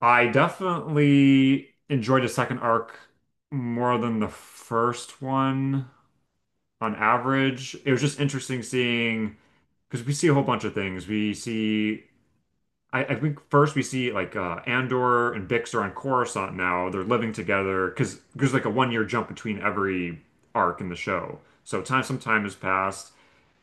I definitely enjoyed the second arc more than the first one on average. It was just interesting seeing because we see a whole bunch of things. I think first we see like Andor and Bix are on Coruscant now. They're living together because there's like a 1 year jump between every arc in the show. So time some time has passed.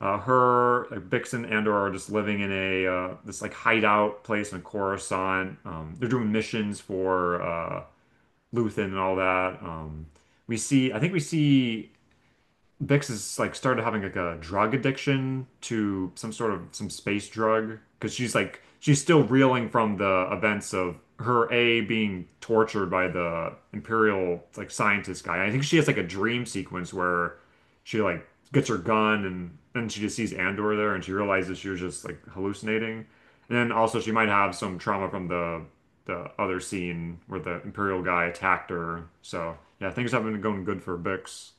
Her like Bix and Andor are just living in a this like hideout place in Coruscant. They're doing missions for Luthen and all that. We see I think we see Bix is like started having like a drug addiction to some sort of some space drug because she's still reeling from the events of her A being tortured by the Imperial like scientist guy. I think she has like a dream sequence where she like gets her gun and then she just sees Andor there and she realizes she was just like hallucinating. And then also she might have some trauma from the other scene where the Imperial guy attacked her. So yeah, things haven't been going good for Bix.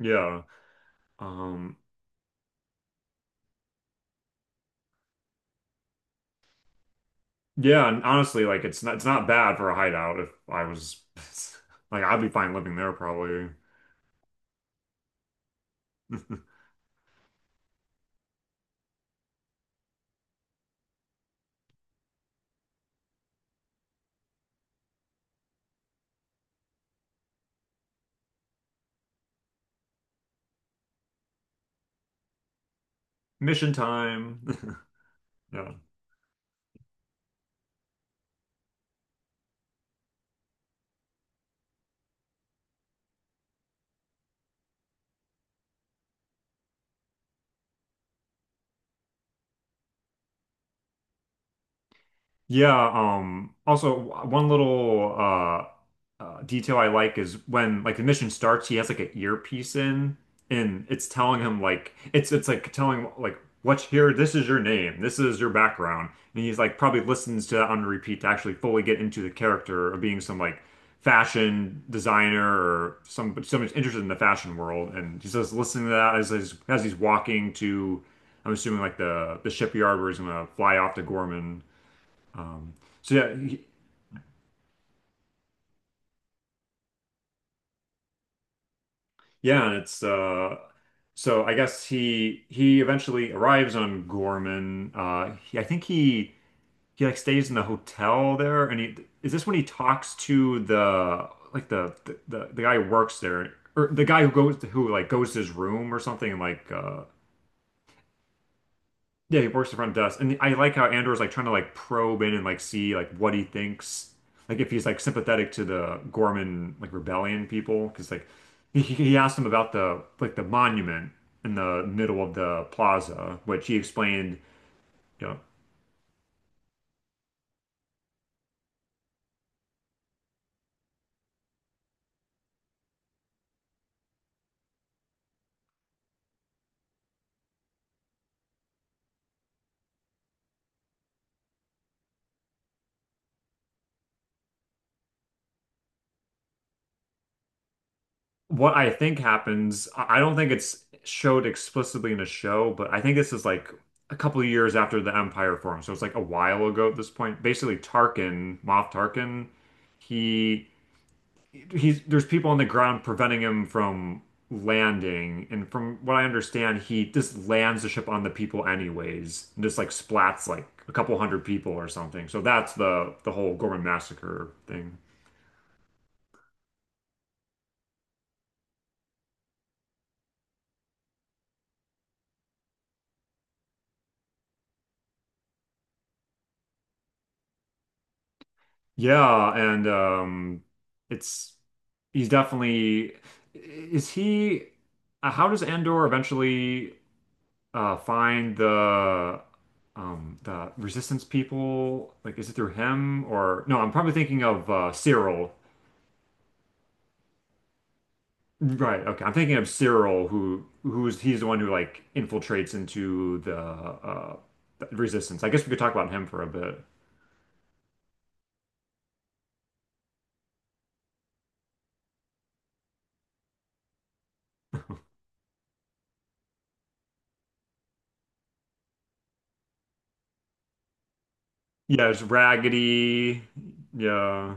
Yeah. Um, yeah, and honestly, like it's not bad for a hideout if I was like I'd be fine living there probably. Mission time. Yeah. Yeah, also one little detail I like is when like the mission starts, he has like an earpiece in and it's telling him like it's like telling him like what's here, this is your name, this is your background. And he's like probably listens to that on repeat to actually fully get into the character of being some like fashion designer or some someone's interested in the fashion world and he's just listening to that as he's walking to I'm assuming like the shipyard where he's gonna fly off to Gorman. Um, so yeah, he, yeah, and it's so I guess he eventually arrives on Gorman. I think he like stays in the hotel there, and he is this when he talks to the like the guy who works there or the guy who goes to, who like goes to his room or something and yeah, he works the front desk, and I like how Andor's like trying to like probe in and like see like what he thinks, like if he's like sympathetic to the Gorman like rebellion people, because like he asked him about the like the monument in the middle of the plaza, which he explained, you know, what I think happens. I don't think it's showed explicitly in the show, but I think this is like a couple of years after the Empire formed, so it's like a while ago at this point. Basically, Tarkin, Moff Tarkin, he he's there's people on the ground preventing him from landing, and from what I understand, he just lands the ship on the people anyways, and just like splats like a couple hundred people or something. So that's the whole Gorman massacre thing. Yeah, and it's he's definitely is he how does Andor eventually find the resistance people? Like is it through him or no, I'm probably thinking of Cyril. Right. Okay. I'm thinking of Cyril, who who's he's the one who like infiltrates into the resistance. I guess we could talk about him for a bit. Yeah, it's Raggedy. Yeah.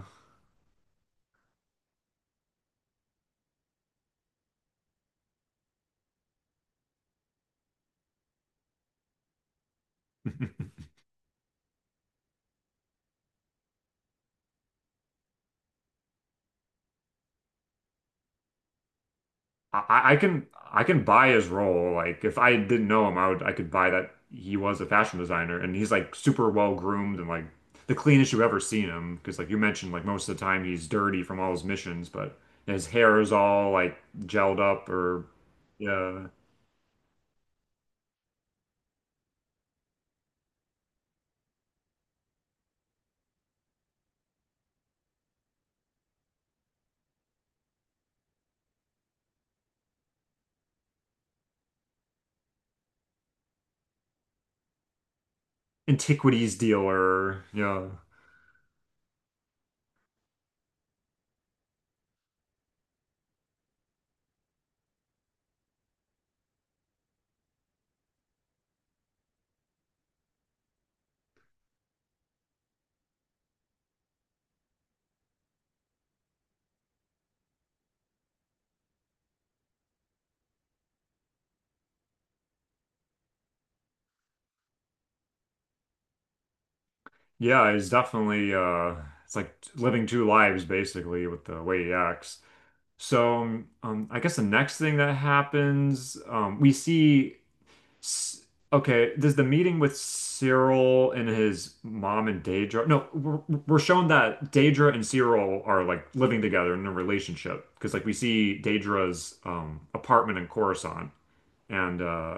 I can I can buy his role. Like if I didn't know him, I could buy that he was a fashion designer and he's like super well groomed and like the cleanest you've ever seen him. Because like you mentioned, like most of the time he's dirty from all his missions, but yeah, his hair is all like gelled up or yeah. Antiquities dealer. Yeah. Yeah, he's definitely it's like living two lives basically with the way he acts. So I guess the next thing that happens, we see S- okay, does the meeting with Cyril and his mom and Daedra? No, we're shown that Daedra and Cyril are like living together in a relationship because like we see Daedra's apartment in Coruscant and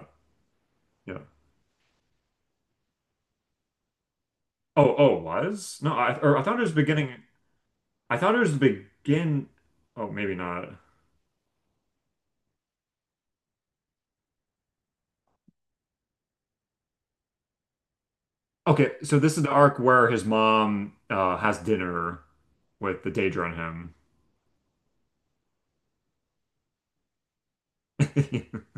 yeah. Oh, oh, was? No, I or I thought it was beginning. I thought it was the begin. Oh, maybe not. Okay, so this is the arc where his mom has dinner with the Daedra on him.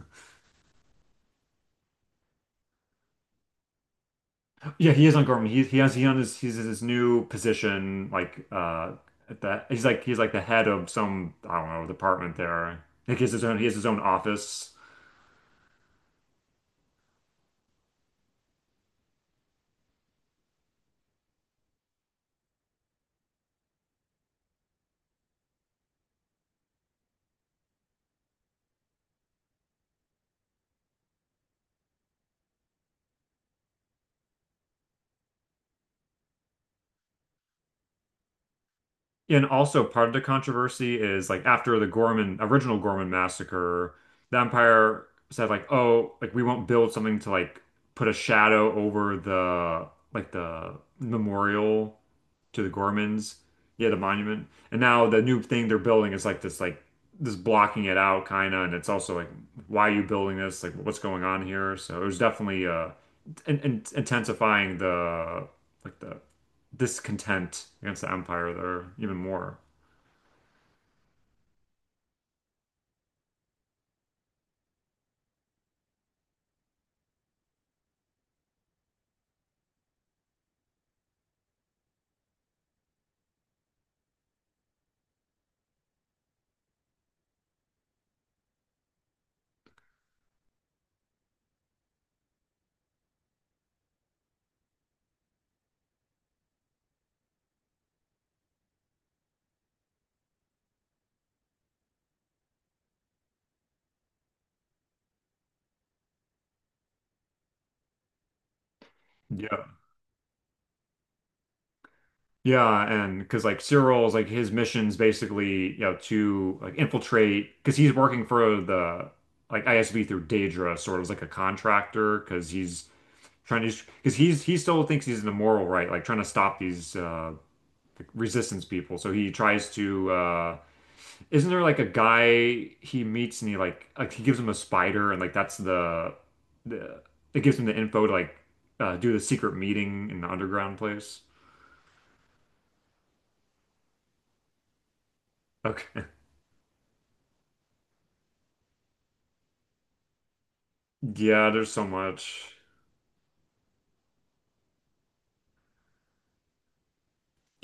Yeah, he is on Gorman. He has he on his he's in his new position. At the he's like the head of some I don't know department there. Like he has his own office. And also part of the controversy is like after the Gorman original Gorman massacre, the Empire said like, oh, like we won't build something to like put a shadow over the memorial to the Gormans. Yeah, the monument. And now the new thing they're building is like this blocking it out kind of, and it's also like, why are you building this? Like, what's going on here? So it was definitely intensifying the like the discontent against the Empire there even more. Yeah. Yeah, and because like Cyril's like his mission's basically, you know, to like infiltrate because he's working for the like ISB through Daedra, sort of as like a contractor, because he's trying to because he's he still thinks he's in the moral right, like trying to stop these resistance people. So he tries to isn't there like a guy he meets and he like he gives him a spider and like that's the it gives him the info to like do the secret meeting in the underground place. Okay. Yeah, there's so much.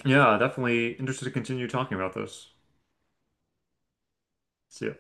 Yeah, definitely interested to continue talking about this. See ya.